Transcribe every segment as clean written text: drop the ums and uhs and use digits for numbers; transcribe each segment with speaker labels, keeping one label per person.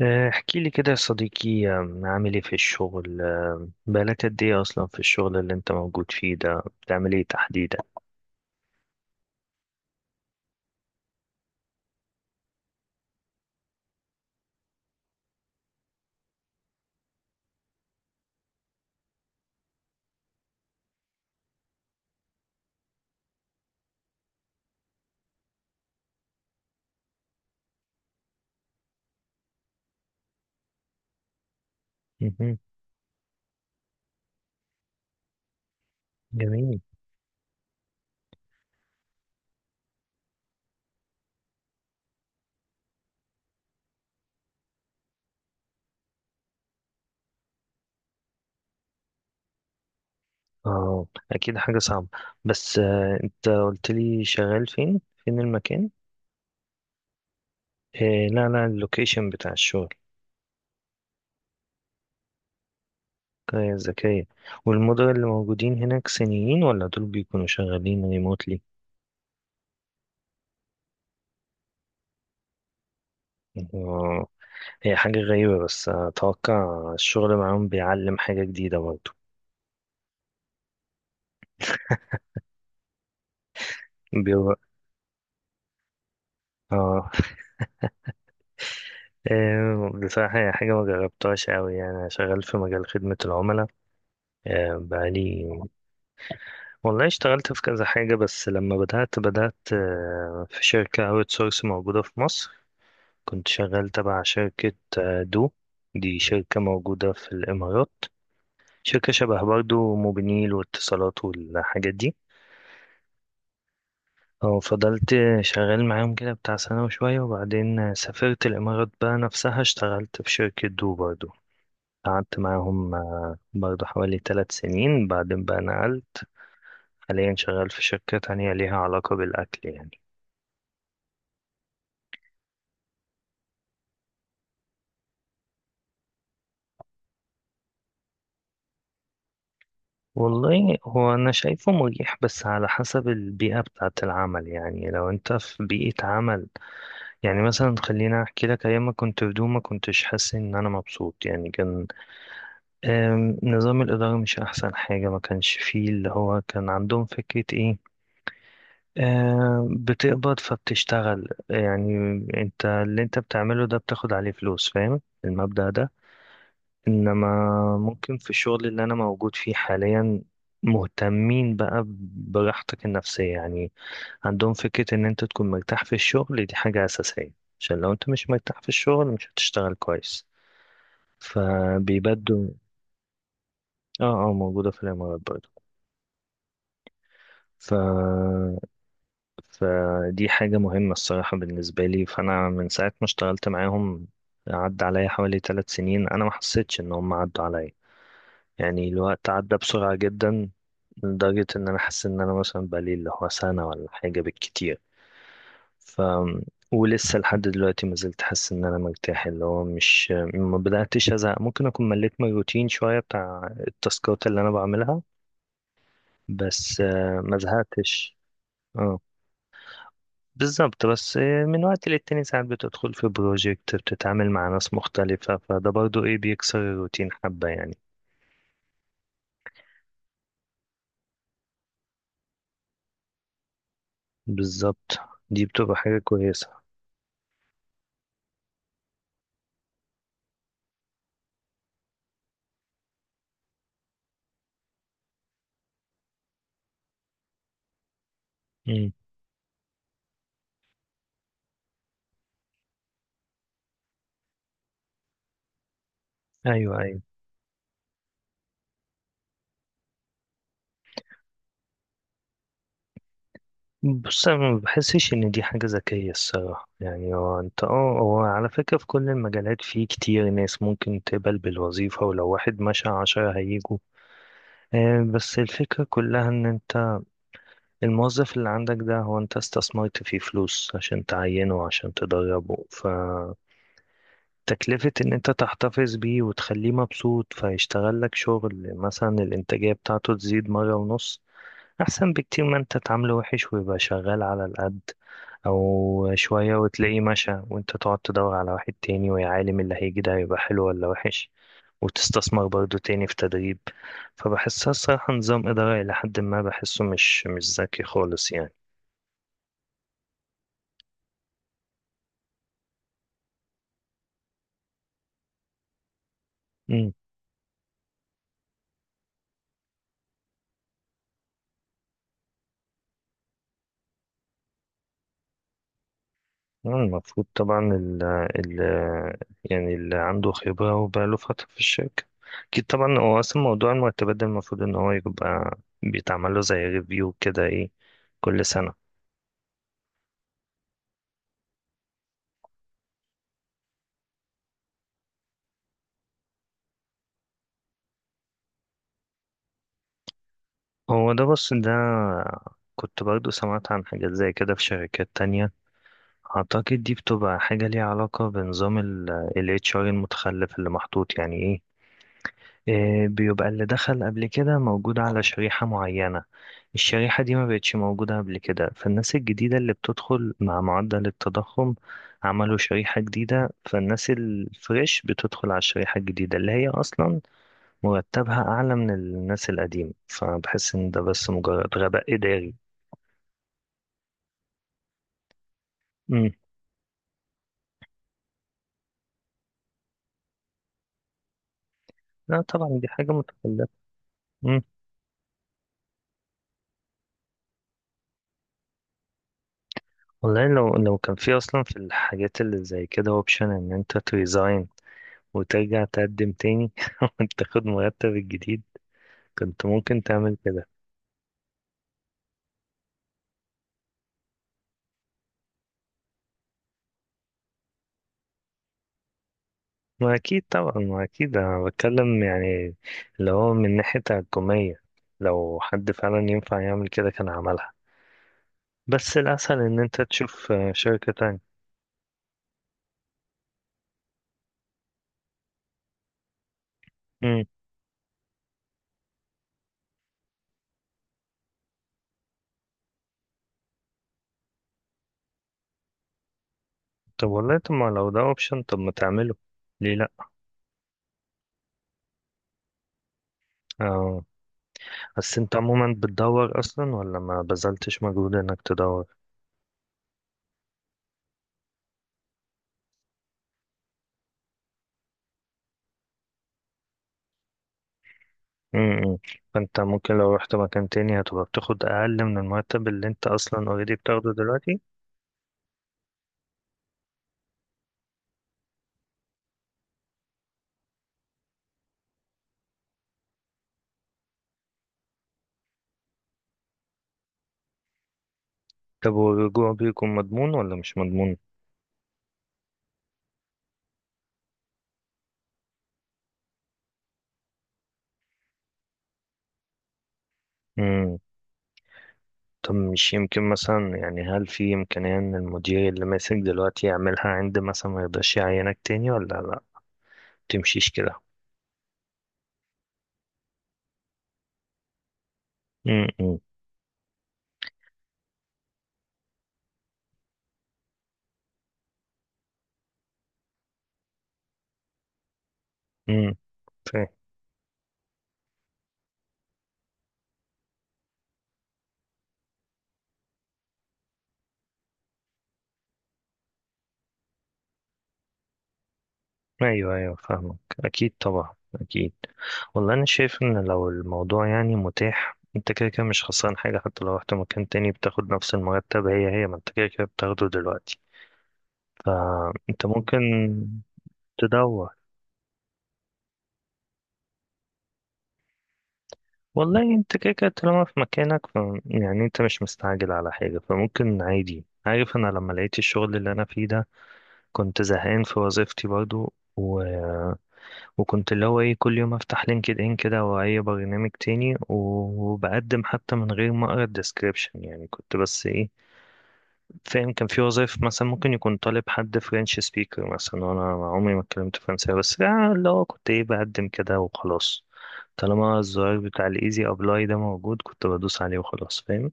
Speaker 1: احكي لي كده يا صديقي، عامل ايه في الشغل؟ بقالك قد ايه اصلا في الشغل اللي انت موجود فيه ده؟ بتعمل ايه تحديدا؟ مهم. جميل. اه، اكيد حاجة صعبة. بس انت قلت لي شغال فين؟ فين المكان؟ لا لا، اللوكيشن بتاع الشغل. كويس، ذكية. والمدراء اللي موجودين هناك صينيين ولا دول بيكونوا شغالين ريموتلي؟ اه. هي حاجة غريبة بس أتوقع الشغل معاهم بيعلم حاجة جديدة برضه. بيو... اه. بصراحة هي حاجة ما جربتهاش أوي، يعني أنا شغال في مجال خدمة العملاء. آه، بقالي والله اشتغلت في كذا حاجة، بس لما بدأت في شركة أوت سورس موجودة في مصر. كنت شغال تبع شركة، دو. دي شركة موجودة في الإمارات، شركة شبه برضو موبينيل واتصالات والحاجات دي. فضلت شغال معاهم كده بتاع سنة وشوية، وبعدين سافرت الإمارات بقى نفسها، اشتغلت في شركة دو برضو. قعدت معاهم برضه حوالي 3 سنين، بعدين بقى نقلت. حاليا شغال في شركة تانية ليها علاقة بالأكل يعني. والله هو أنا شايفه مريح بس على حسب البيئة بتاعة العمل. يعني لو أنت في بيئة عمل، يعني مثلا خلينا أحكي لك، أيام ما كنت في دوما كنتش حاسس إن أنا مبسوط. يعني كان نظام الإدارة مش أحسن حاجة. ما كانش فيه اللي هو كان عندهم فكرة إيه، بتقبض فبتشتغل يعني. انت اللي انت بتعمله ده بتاخد عليه فلوس، فاهم المبدأ ده؟ انما ممكن في الشغل اللي انا موجود فيه حاليا مهتمين بقى براحتك النفسية يعني. عندهم فكرة ان انت تكون مرتاح في الشغل، دي حاجة اساسية، عشان لو انت مش مرتاح في الشغل مش هتشتغل كويس، فبيبدوا. اه، اه، موجودة في الامارات برضه. ف فدي حاجة مهمة الصراحة بالنسبة لي، فأنا من ساعة ما اشتغلت معاهم عدى عليا حوالي 3 سنين. أنا ما حسيتش إن هم عدوا عليا، يعني الوقت عدى بسرعة جدا، لدرجة إن أنا حاسس إن أنا مثلا بقالي اللي هو سنة ولا حاجة بالكتير. ف ولسه لحد دلوقتي ما زلت حاسس إن أنا مرتاح، اللي هو مش، ما بدأتش أزهق. ممكن أكون مليت من الروتين شوية، بتاع التاسكات اللي أنا بعملها، بس ما زهقتش. آه. بالظبط. بس من وقت للتاني ساعات بتدخل في بروجكت بتتعامل مع ناس مختلفة، فده برضو ايه بيكسر الروتين حبة يعني. بالظبط، دي بتبقى حاجة كويسة. مم. ايوه، ايوه. بص انا ما بحسش ان دي حاجة ذكية الصراحة، يعني هو انت اه، هو على فكرة في كل المجالات في كتير ناس ممكن تقبل بالوظيفة، ولو واحد مشى 10 هيجوا. بس الفكرة كلها ان انت الموظف اللي عندك ده هو انت استثمرت فيه فلوس عشان تعينه، عشان تدربه. تكلفة إن أنت تحتفظ بيه وتخليه مبسوط فيشتغل لك شغل، مثلا الإنتاجية بتاعته تزيد مرة ونص، أحسن بكتير ما أنت تعامله وحش ويبقى شغال على القد أو شوية وتلاقيه مشى وأنت تقعد تدور على واحد تاني، ويا عالم اللي هيجي ده هيبقى حلو ولا وحش، وتستثمر برضه تاني في تدريب. فبحسها الصراحة نظام إدارة إلى حد ما بحسه مش ذكي خالص. يعني المفروض طبعا ال ال يعني اللي عنده خبرة وبقاله فترة في الشركة أكيد طبعا. هو أصلا موضوع المرتبات ده المفروض إن هو يبقى بيتعمل له زي ريفيو كده، إيه، كل سنة. هو ده، بص ده كنت برضو سمعت عن حاجات زي كده في شركات تانية. أعتقد دي بتبقى حاجة ليها علاقة بنظام ال HR المتخلف اللي محطوط، يعني إيه، بيبقى اللي دخل قبل كده موجود على شريحة معينة، الشريحة دي ما بقتش موجودة قبل كده، فالناس الجديدة اللي بتدخل مع معدل التضخم عملوا شريحة جديدة، فالناس الفريش بتدخل على الشريحة الجديدة اللي هي أصلا مرتبها أعلى من الناس القديمة. فبحس إن ده بس مجرد غباء إداري. مم. لا طبعا، دي حاجة متخلفة. مم. والله لو كان في أصلا في الحاجات اللي زي كده أوبشن إن أنت تريزاين وترجع تقدم تاني وتاخد مرتب الجديد، كنت ممكن تعمل كده. ما أكيد طبعا، ما أكيد، أنا بتكلم يعني اللي هو من ناحية تحكمية. لو حد فعلا ينفع يعمل كده كان عملها. بس الأسهل إن أنت تشوف شركة تانية. مم. طب والله، طب ما لو ده أوبشن طب ما تعمله، ليه لأ؟ آه. بس أنت عموما بتدور أصلا ولا ما بذلتش مجهود إنك تدور؟ امم فانت ممكن لو رحت مكان تاني هتبقى بتاخد اقل من المرتب اللي انت اصلا اوريدي بتاخده دلوقتي. طب والرجوع بيكون مضمون ولا مش مضمون؟ امم طب مش يمكن مثلا، يعني هل في امكانية ان المدير اللي ماسك دلوقتي يعملها عند، مثلا ما يقدرش يعينك تاني ولا لا تمشيش كده؟ امم. امم. ايوه، ايوه، فاهمك. اكيد طبعا، اكيد. والله انا شايف ان لو الموضوع يعني متاح، انت كده كده مش خسران حاجه، حتى لو رحت مكان تاني بتاخد نفس المرتب هي هي، ما انت كده كده بتاخده دلوقتي، فانت ممكن تدور. والله انت كده كده طالما في مكانك يعني انت مش مستعجل على حاجه فممكن عادي. عارف انا لما لقيت الشغل اللي انا فيه ده كنت زهقان في وظيفتي برضو، وكنت اللي هو ايه كل يوم افتح لينكد ان كده او اي برنامج تاني و- وبقدم حتى من غير ما اقرا الديسكريبشن، يعني كنت بس ايه، فاهم. كان في وظائف مثلا ممكن يكون طالب حد فرنش سبيكر مثلا، وانا عمري ما اتكلمت فرنساوي، بس اللي هو كنت ايه بقدم كده وخلاص. طالما الزرار بتاع الايزي ابلاي ده موجود كنت بدوس عليه وخلاص، فاهم؟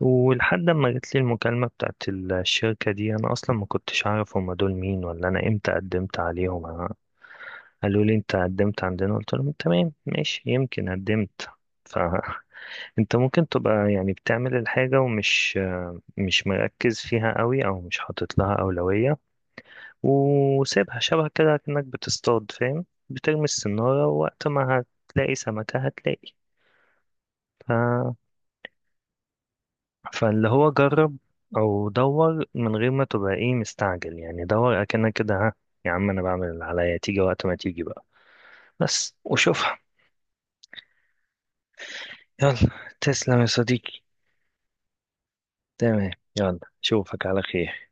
Speaker 1: ولحد ما جت لي المكالمة بتاعت الشركة دي انا اصلا ما كنتش اعرف هما دول مين ولا انا امتى قدمت عليهم. قالوا لي انت قدمت عندنا، قلت لهم تمام ماشي، يمكن قدمت. فانت ممكن تبقى يعني بتعمل الحاجة ومش مش مركز فيها قوي او مش حاطط لها أولوية، وسيبها شبه كده كأنك بتصطاد، فاهم؟ بترمي السنارة ووقت ما هتلاقي سمكة هتلاقي. ف... فاللي هو جرب او دور من غير ما تبقى ايه مستعجل، يعني دور اكنك كده، ها يا عم، انا بعمل اللي عليا تيجي وقت ما تيجي بقى. بس وشوفها. يلا، تسلم يا صديقي. تمام. يلا، اشوفك على خير.